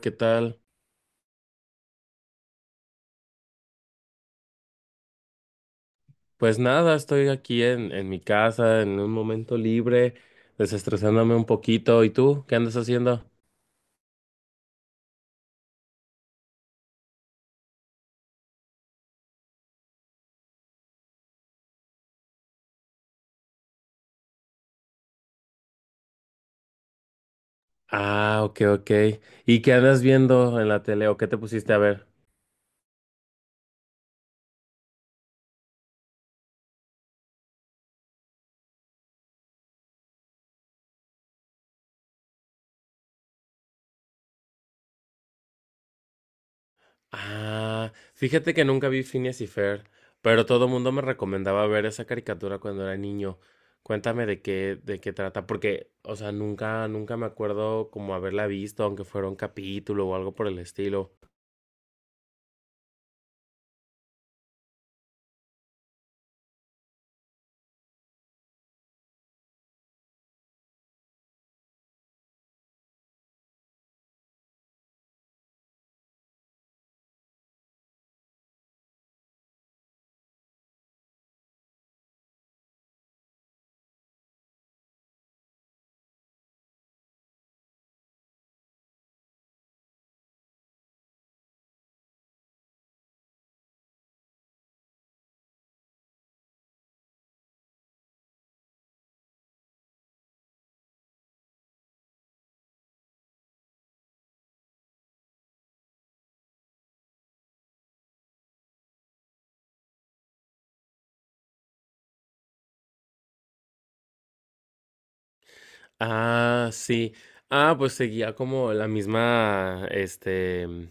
¿Qué tal? Pues nada, estoy aquí en mi casa, en un momento libre, desestresándome un poquito. ¿Y tú? ¿Qué andas haciendo? Ah, ok, ok. ¿Y qué andas viendo en la tele o qué te pusiste a ver? Ah, fíjate que nunca vi Phineas y Fer, pero todo mundo me recomendaba ver esa caricatura cuando era niño. Cuéntame de qué trata, porque, o sea, nunca me acuerdo como haberla visto, aunque fuera un capítulo o algo por el estilo. Ah, sí. Ah, pues seguía como la misma,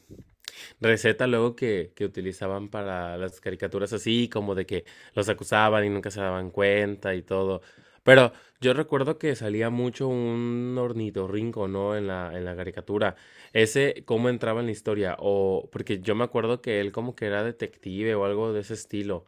receta luego que utilizaban para las caricaturas así, como de que los acusaban y nunca se daban cuenta y todo. Pero yo recuerdo que salía mucho un ornitorrinco, ¿no? En la caricatura. Ese, ¿cómo entraba en la historia? O, porque yo me acuerdo que él como que era detective o algo de ese estilo.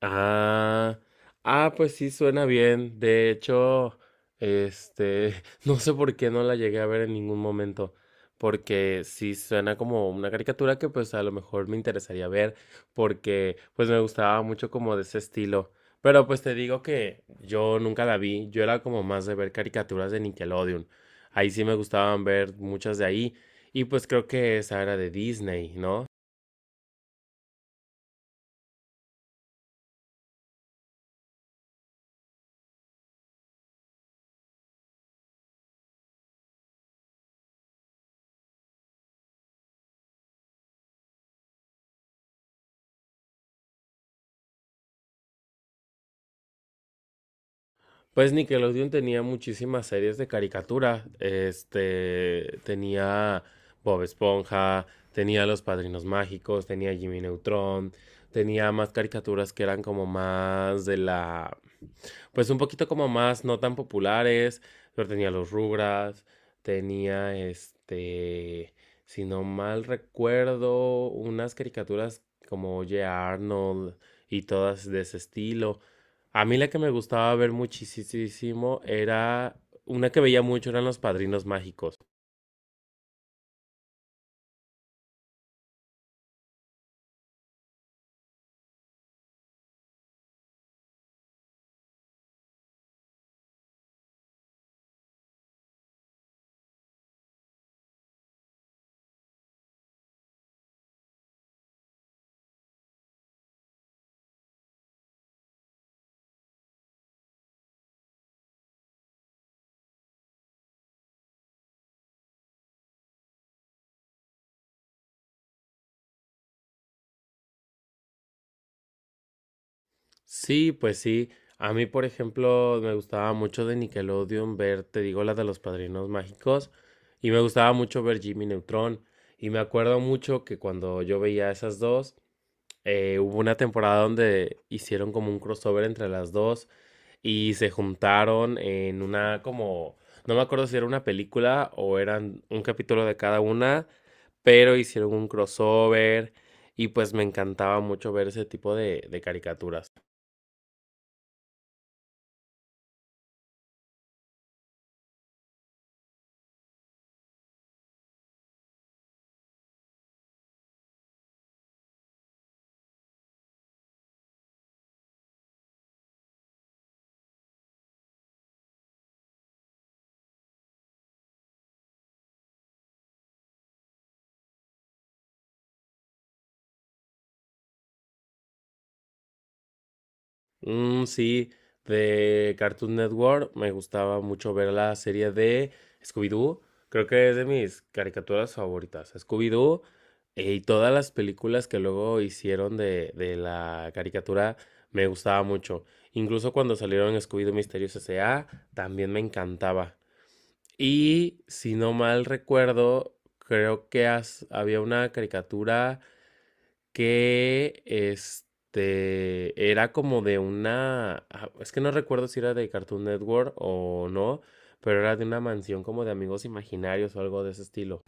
Ah, ah, pues sí, suena bien. De hecho, este, no sé por qué no la llegué a ver en ningún momento, porque sí suena como una caricatura que pues a lo mejor me interesaría ver, porque pues me gustaba mucho como de ese estilo. Pero pues te digo que yo nunca la vi, yo era como más de ver caricaturas de Nickelodeon. Ahí sí me gustaban ver muchas de ahí, y pues creo que esa era de Disney, ¿no? Pues Nickelodeon tenía muchísimas series de caricatura. Este tenía Bob Esponja, tenía Los Padrinos Mágicos, tenía Jimmy Neutron, tenía más caricaturas que eran como más de la, pues un poquito como más no tan populares, pero tenía los Rugrats, tenía este, si no mal recuerdo, unas caricaturas como Oye Arnold y todas de ese estilo. A mí la que me gustaba ver muchísimo era una que veía mucho eran los Padrinos Mágicos. Sí, pues sí. A mí, por ejemplo, me gustaba mucho de Nickelodeon ver, te digo, la de los Padrinos Mágicos, y me gustaba mucho ver Jimmy Neutron. Y me acuerdo mucho que cuando yo veía esas dos, hubo una temporada donde hicieron como un crossover entre las dos y se juntaron en una como, no me acuerdo si era una película o eran un capítulo de cada una, pero hicieron un crossover y pues me encantaba mucho ver ese tipo de caricaturas. Mm, sí, de Cartoon Network me gustaba mucho ver la serie de Scooby-Doo. Creo que es de mis caricaturas favoritas. Scooby-Doo, y todas las películas que luego hicieron de la caricatura me gustaba mucho. Incluso cuando salieron Scooby-Doo Misterios S.A. también me encantaba. Y si no mal recuerdo, creo que había una caricatura que este era como de una, ah, es que no recuerdo si era de Cartoon Network o no, pero era de una mansión como de amigos imaginarios o algo de ese estilo.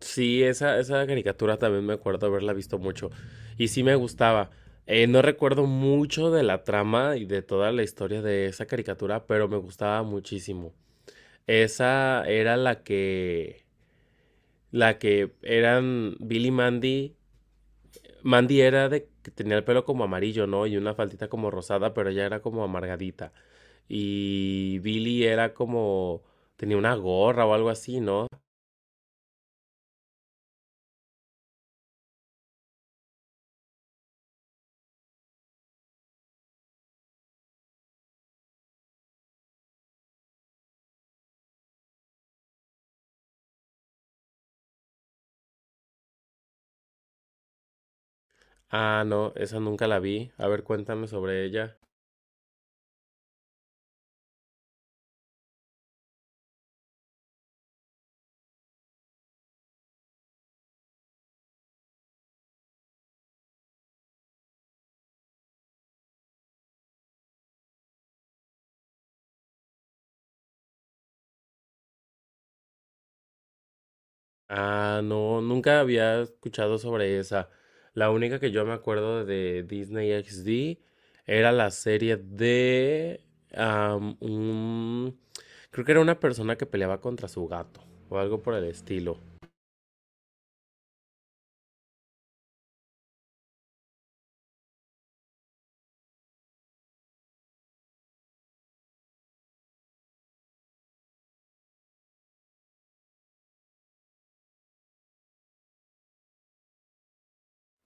Sí, esa caricatura también me acuerdo haberla visto mucho y sí me gustaba. No recuerdo mucho de la trama y de toda la historia de esa caricatura, pero me gustaba muchísimo. Esa era la que eran Billy y Mandy. Mandy era de que tenía el pelo como amarillo, ¿no? Y una faldita como rosada, pero ella era como amargadita. Y Billy era como tenía una gorra o algo así, ¿no? Ah, no, esa nunca la vi. A ver, cuéntame sobre ella. Ah, no, nunca había escuchado sobre esa. La única que yo me acuerdo de Disney XD era la serie de am, un- Creo que era una persona que peleaba contra su gato o algo por el estilo.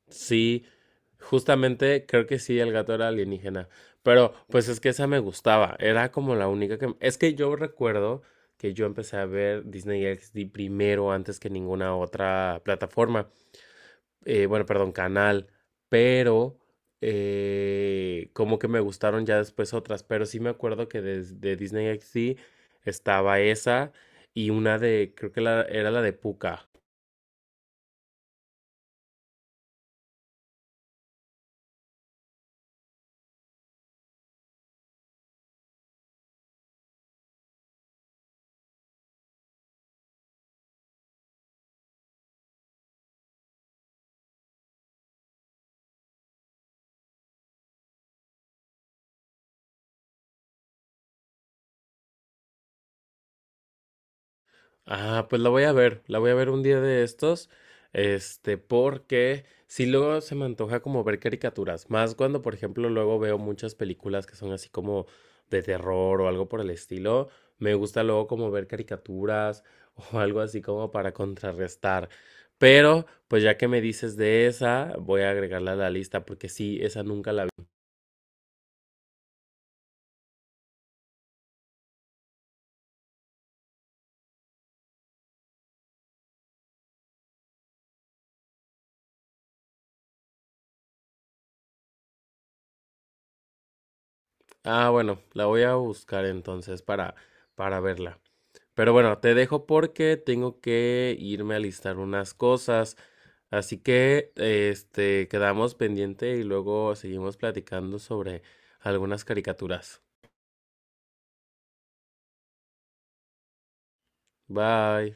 Sí, justamente creo que sí, el gato era alienígena. Pero pues es que esa me gustaba. Era como la única que... Es que yo recuerdo que yo empecé a ver Disney XD primero antes que ninguna otra plataforma. Bueno, perdón, canal. Pero como que me gustaron ya después otras. Pero sí me acuerdo que Disney XD estaba esa y una de... Creo que era la de Pucca. Ah, pues la voy a ver, la voy a ver un día de estos, porque si luego se me antoja como ver caricaturas, más cuando, por ejemplo, luego veo muchas películas que son así como de terror o algo por el estilo, me gusta luego como ver caricaturas o algo así como para contrarrestar. Pero, pues ya que me dices de esa, voy a agregarla a la lista porque sí, esa nunca la vi. Ah, bueno, la voy a buscar entonces para verla. Pero bueno, te dejo porque tengo que irme a listar unas cosas. Así que, este, quedamos pendiente y luego seguimos platicando sobre algunas caricaturas. Bye.